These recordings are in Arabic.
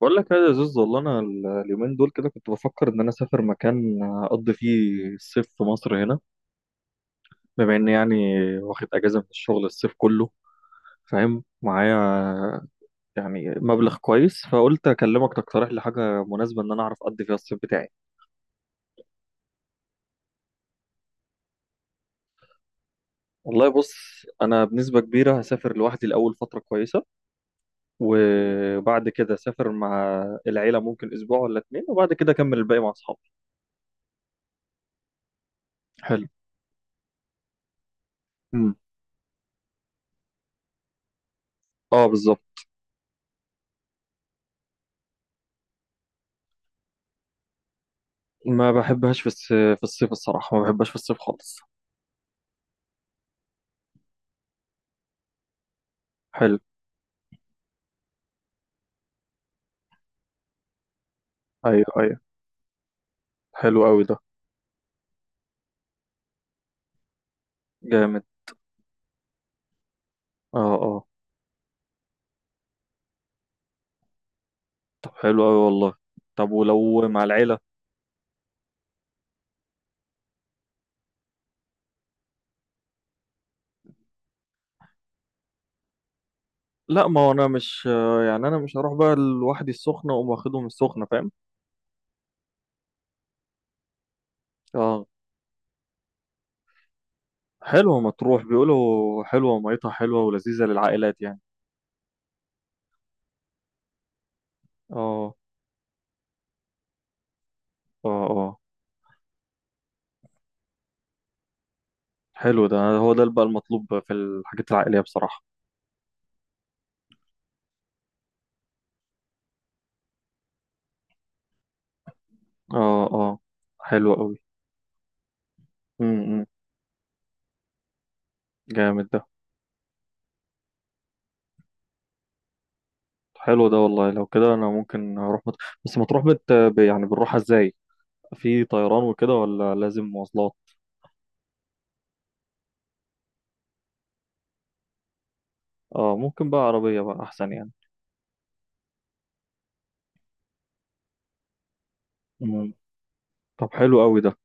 بقول لك يا زوز، والله انا اليومين دول كده كنت بفكر ان انا اسافر مكان اقضي فيه الصيف في مصر هنا، بما اني يعني واخد اجازه من الشغل الصيف كله. فاهم معايا؟ يعني مبلغ كويس، فقلت اكلمك تقترح لي حاجه مناسبه ان انا اعرف اقضي فيها الصيف بتاعي. والله بص، انا بنسبه كبيره هسافر لوحدي الاول فتره كويسه، وبعد كده اسافر مع العيله ممكن اسبوع ولا اتنين، وبعد كده اكمل الباقي مع اصحابي. حلو. مم. اه، بالظبط. ما بحبهاش في في الصيف، الصراحة ما بحبهاش في الصيف خالص. حلو. ايوه ايوه. حلو قوي ده. جامد. اه اه. طب حلو أوي والله. طب ولو مع العيلة؟ لا، ما هو أنا مش يعني أنا مش هروح بقى لوحدي السخنة وأقوم واخدهم السخنة. فاهم؟ اه. حلوة مطروح، بيقولوا حلوة، ميتها حلوة ولذيذة للعائلات يعني. اه اه. اه. حلو ده، هو ده بقى المطلوب في الحاجات العائلية بصراحة. اه اه. حلو أوي. امم. جامد ده. حلو ده والله، لو كده انا ممكن اروح بس مطروح يعني بنروحها ازاي؟ في طيران وكده ولا لازم مواصلات؟ اه، ممكن بقى عربية بقى احسن يعني. مم. طب حلو قوي ده.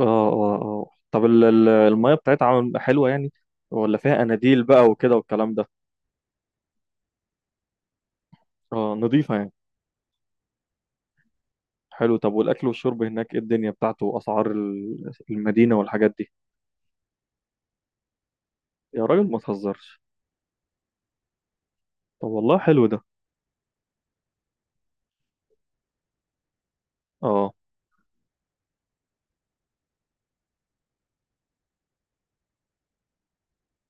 اه اه اه. طب المية بتاعتها حلوة يعني؟ ولا فيها اناديل بقى وكده والكلام ده؟ اه، نضيفة يعني. حلو. طب والاكل والشرب هناك، ايه الدنيا بتاعته واسعار المدينة والحاجات دي؟ يا راجل، ما تهزرش! طب والله حلو ده. اه،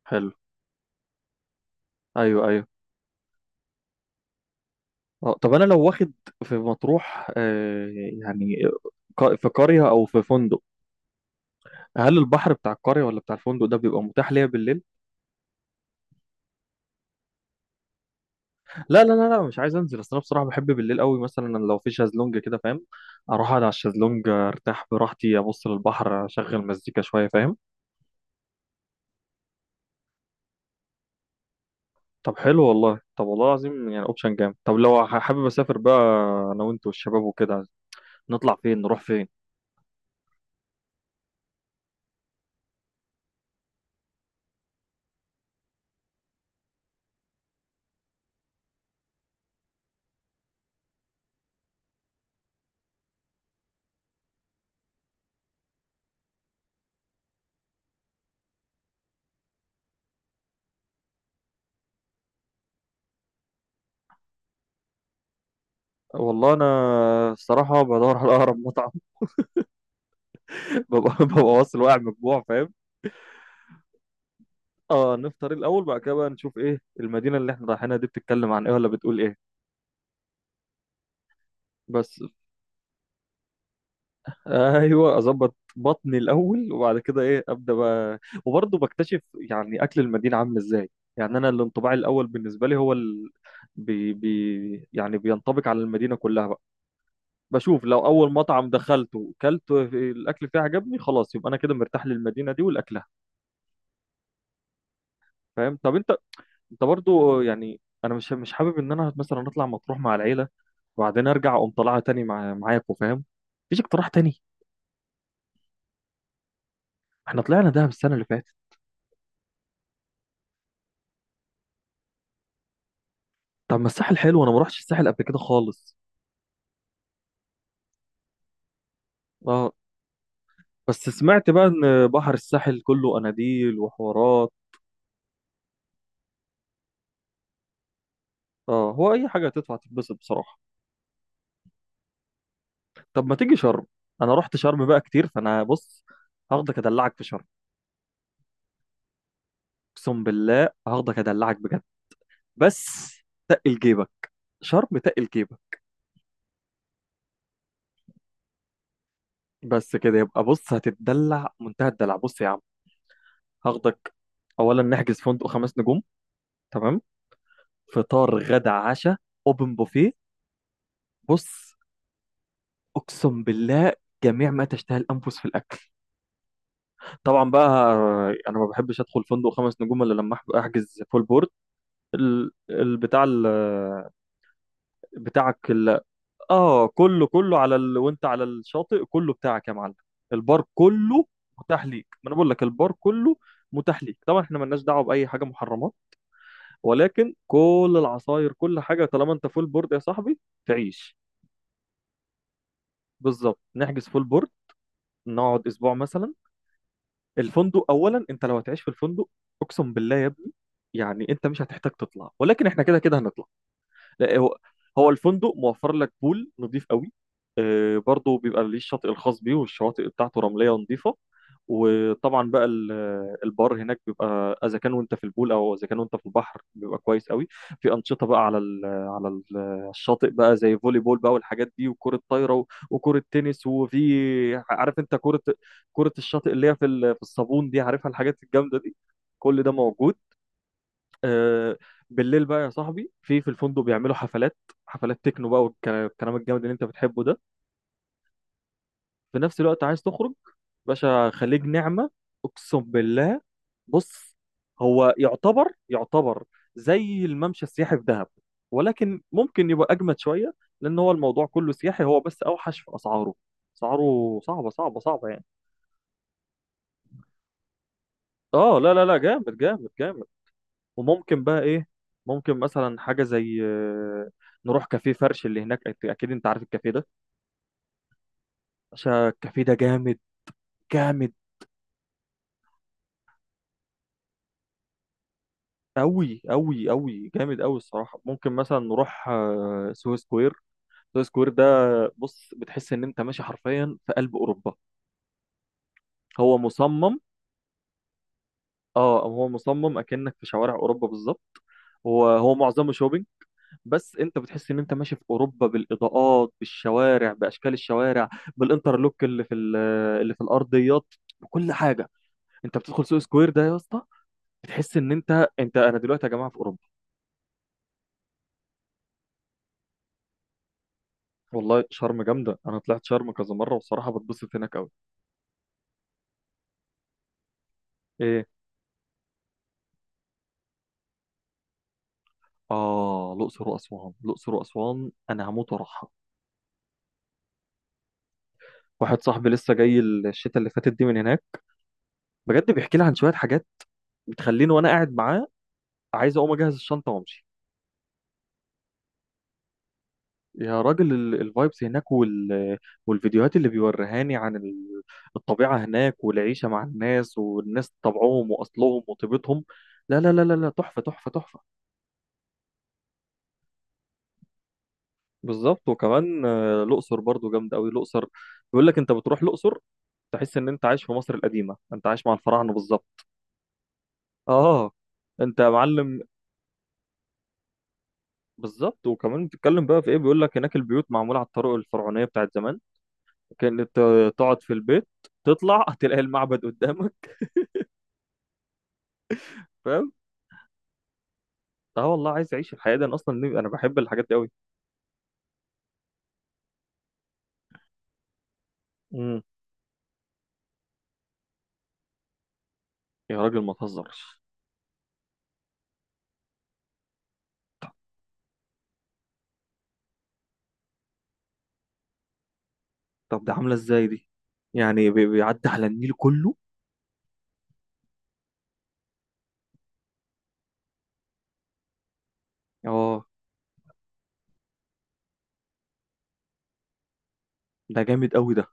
حلو. ايوه ايوه. طب انا لو واخد في مطروح، يعني في قرية او في فندق، هل البحر بتاع القرية ولا بتاع الفندق ده بيبقى متاح ليا بالليل؟ لا لا لا لا، مش عايز انزل، اصل انا بصراحة بحب بالليل قوي، مثلا لو في شازلونج كده. فاهم؟ اروح اقعد على الشازلونج، ارتاح براحتي، ابص للبحر، اشغل مزيكا شوية. فاهم؟ طب حلو والله، طب والله العظيم يعني اوبشن جامد. طب لو حابب اسافر بقى انا وانت والشباب وكده، نطلع فين نروح فين؟ والله انا الصراحة بدور على اقرب مطعم. ببقى واصل واقع من الجوع. فاهم؟ اه، نفطر الاول، بعد كده بقى نشوف ايه المدينه اللي احنا رايحينها دي، بتتكلم عن ايه ولا بتقول ايه. بس. ايوه، اظبط بطني الاول، وبعد كده ايه، ابدا بقى وبرضه بكتشف يعني اكل المدينه عامل ازاي. يعني انا الانطباع الاول بالنسبه لي هو يعني بينطبق على المدينه كلها بقى. بشوف لو اول مطعم دخلته كلت الاكل فيه عجبني، خلاص، يبقى انا كده مرتاح للمدينه دي ولاكلها. فاهم؟ طب انت برضه يعني، انا مش حابب ان انا مثلا اطلع مطروح مع العيله، وبعدين ارجع اقوم طالعها تاني مع معاكم. فاهم؟ مفيش اقتراح تاني؟ احنا طلعنا دهب السنه اللي فاتت. طب ما الساحل حلو، انا ما رحتش الساحل قبل كده خالص. اه. بس سمعت بقى ان بحر الساحل كله اناديل وحوارات. اه، هو اي حاجه هتدفع تتبسط بصراحه. طب ما تيجي شرم؟ انا رحت شرم بقى كتير، فانا بص، هاخدك ادلعك في شرم. اقسم بالله هاخدك ادلعك بجد. بس تقل جيبك، شرم تقل جيبك. بس كده يبقى، بص هتتدلع منتهى الدلع، بص يا عم، هاخدك. اولا نحجز فندق خمس نجوم، تمام، فطار غدا عشاء، اوبن بوفيه، بص، اقسم بالله جميع ما تشتهي الانفس في الاكل. طبعا بقى، انا ما بحبش ادخل فندق خمس نجوم الا لما احجز فول بورد. ال- البتاع ال- بتاعك ال- اه، كله كله على وانت على الشاطئ كله بتاعك يا معلم. البار كله متاح ليك، ما انا بقول لك البار كله متاح ليك طبعا. احنا ملناش دعوه باي حاجه محرمات، ولكن كل العصاير كل حاجه طالما انت فول بورد يا صاحبي، تعيش. بالظبط، نحجز فول بورد، نقعد اسبوع مثلا، الفندق اولا، انت لو هتعيش في الفندق اقسم بالله يا ابني، يعني انت مش هتحتاج تطلع، ولكن احنا كده كده هنطلع. لا هو، الفندق موفر لك بول نظيف قوي. برضه بيبقى ليه الشاطئ الخاص بيه والشواطئ بتاعته رملية نظيفة، وطبعا بقى البار هناك بيبقى اذا كان وانت في البول او اذا كان وانت في البحر بيبقى كويس قوي. في انشطه بقى على ال على ال الشاطئ بقى زي فولي بول بقى والحاجات دي، وكره طايره وكره تنس، وفي، عارف انت، كره الشاطئ اللي هي في في الصابون دي، عارفها الحاجات الجامده دي. كل ده موجود. آه. بالليل بقى يا صاحبي، في الفندق بيعملوا حفلات، حفلات تكنو بقى والكلام الجامد اللي انت بتحبه ده. في نفس الوقت عايز تخرج؟ باشا، خليج نعمة، اقسم بالله. بص، هو يعتبر يعتبر زي الممشى السياحي في دهب، ولكن ممكن يبقى اجمد شوية، لان هو الموضوع كله سياحي، هو بس اوحش في اسعاره، اسعاره صعبة صعبة صعبة يعني. اه، لا لا لا، جامد جامد جامد. وممكن بقى ايه، ممكن مثلا حاجه زي نروح كافيه فرش اللي هناك. اكيد انت عارف الكافيه ده، عشان الكافيه ده جامد، جامد قوي قوي قوي، جامد قوي الصراحه. ممكن مثلا نروح سوهو سكوير، سوهو سكوير ده، بص، بتحس ان انت ماشي حرفيا في قلب اوروبا. هو مصمم، اه هو مصمم اكنك في شوارع اوروبا بالظبط. هو، معظمه شوبينج، بس انت بتحس ان انت ماشي في اوروبا بالاضاءات، بالشوارع، باشكال الشوارع، بالانترلوك اللي في اللي في الارضيات، بكل حاجه. انت بتدخل سوق سكوير ده يا اسطى، بتحس ان انت، انا دلوقتي يا جماعه في اوروبا. والله شرم جامده، انا طلعت شرم كذا مره، والصراحه بتبسط هناك قوي. ايه؟ اه، الاقصر واسوان، الاقصر واسوان انا هموت واروحها. واحد صاحبي لسه جاي الشتاء اللي فاتت دي من هناك، بجد بيحكي لي عن شويه حاجات بتخليني وانا قاعد معاه عايز اقوم اجهز الشنطه وامشي. يا راجل، الفايبس هناك والفيديوهات اللي بيوريهاني عن الطبيعة هناك، والعيشة مع الناس، والناس طبعهم وأصلهم وطيبتهم. لا لا لا لا لا، تحفة تحفة تحفة. بالظبط، وكمان الأقصر برضو جامدة أوي الأقصر. بيقول لك أنت بتروح الأقصر، تحس إن أنت عايش في مصر القديمة، أنت عايش مع الفراعنة بالظبط. آه. أنت يا معلم. بالظبط، وكمان بتتكلم بقى في إيه، بيقول لك هناك البيوت معمولة على الطرق الفرعونية بتاعت زمان، كأنك تقعد في البيت تطلع هتلاقي المعبد قدامك. فاهم؟ اه، والله عايز اعيش الحياه دي، انا اصلا انا بحب الحاجات دي قوي. امم. يا راجل، ما تهزرش! طب ده عامله ازاي دي؟ يعني بيعدي على النيل كله؟ اه. ده جامد قوي ده.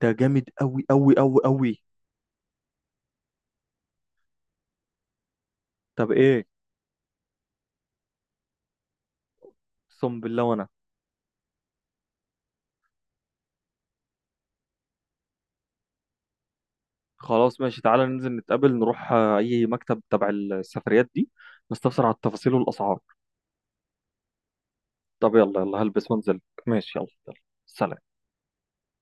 ده جامد قوي قوي قوي قوي. طب ايه؟ اقسم بالله وانا. خلاص ماشي، تعالى ننزل نتقابل، نروح اي مكتب تبع السفريات دي، نستفسر على التفاصيل والاسعار. طب يلا يلا، هلبس وانزل. ماشي يلا يلا. سلام.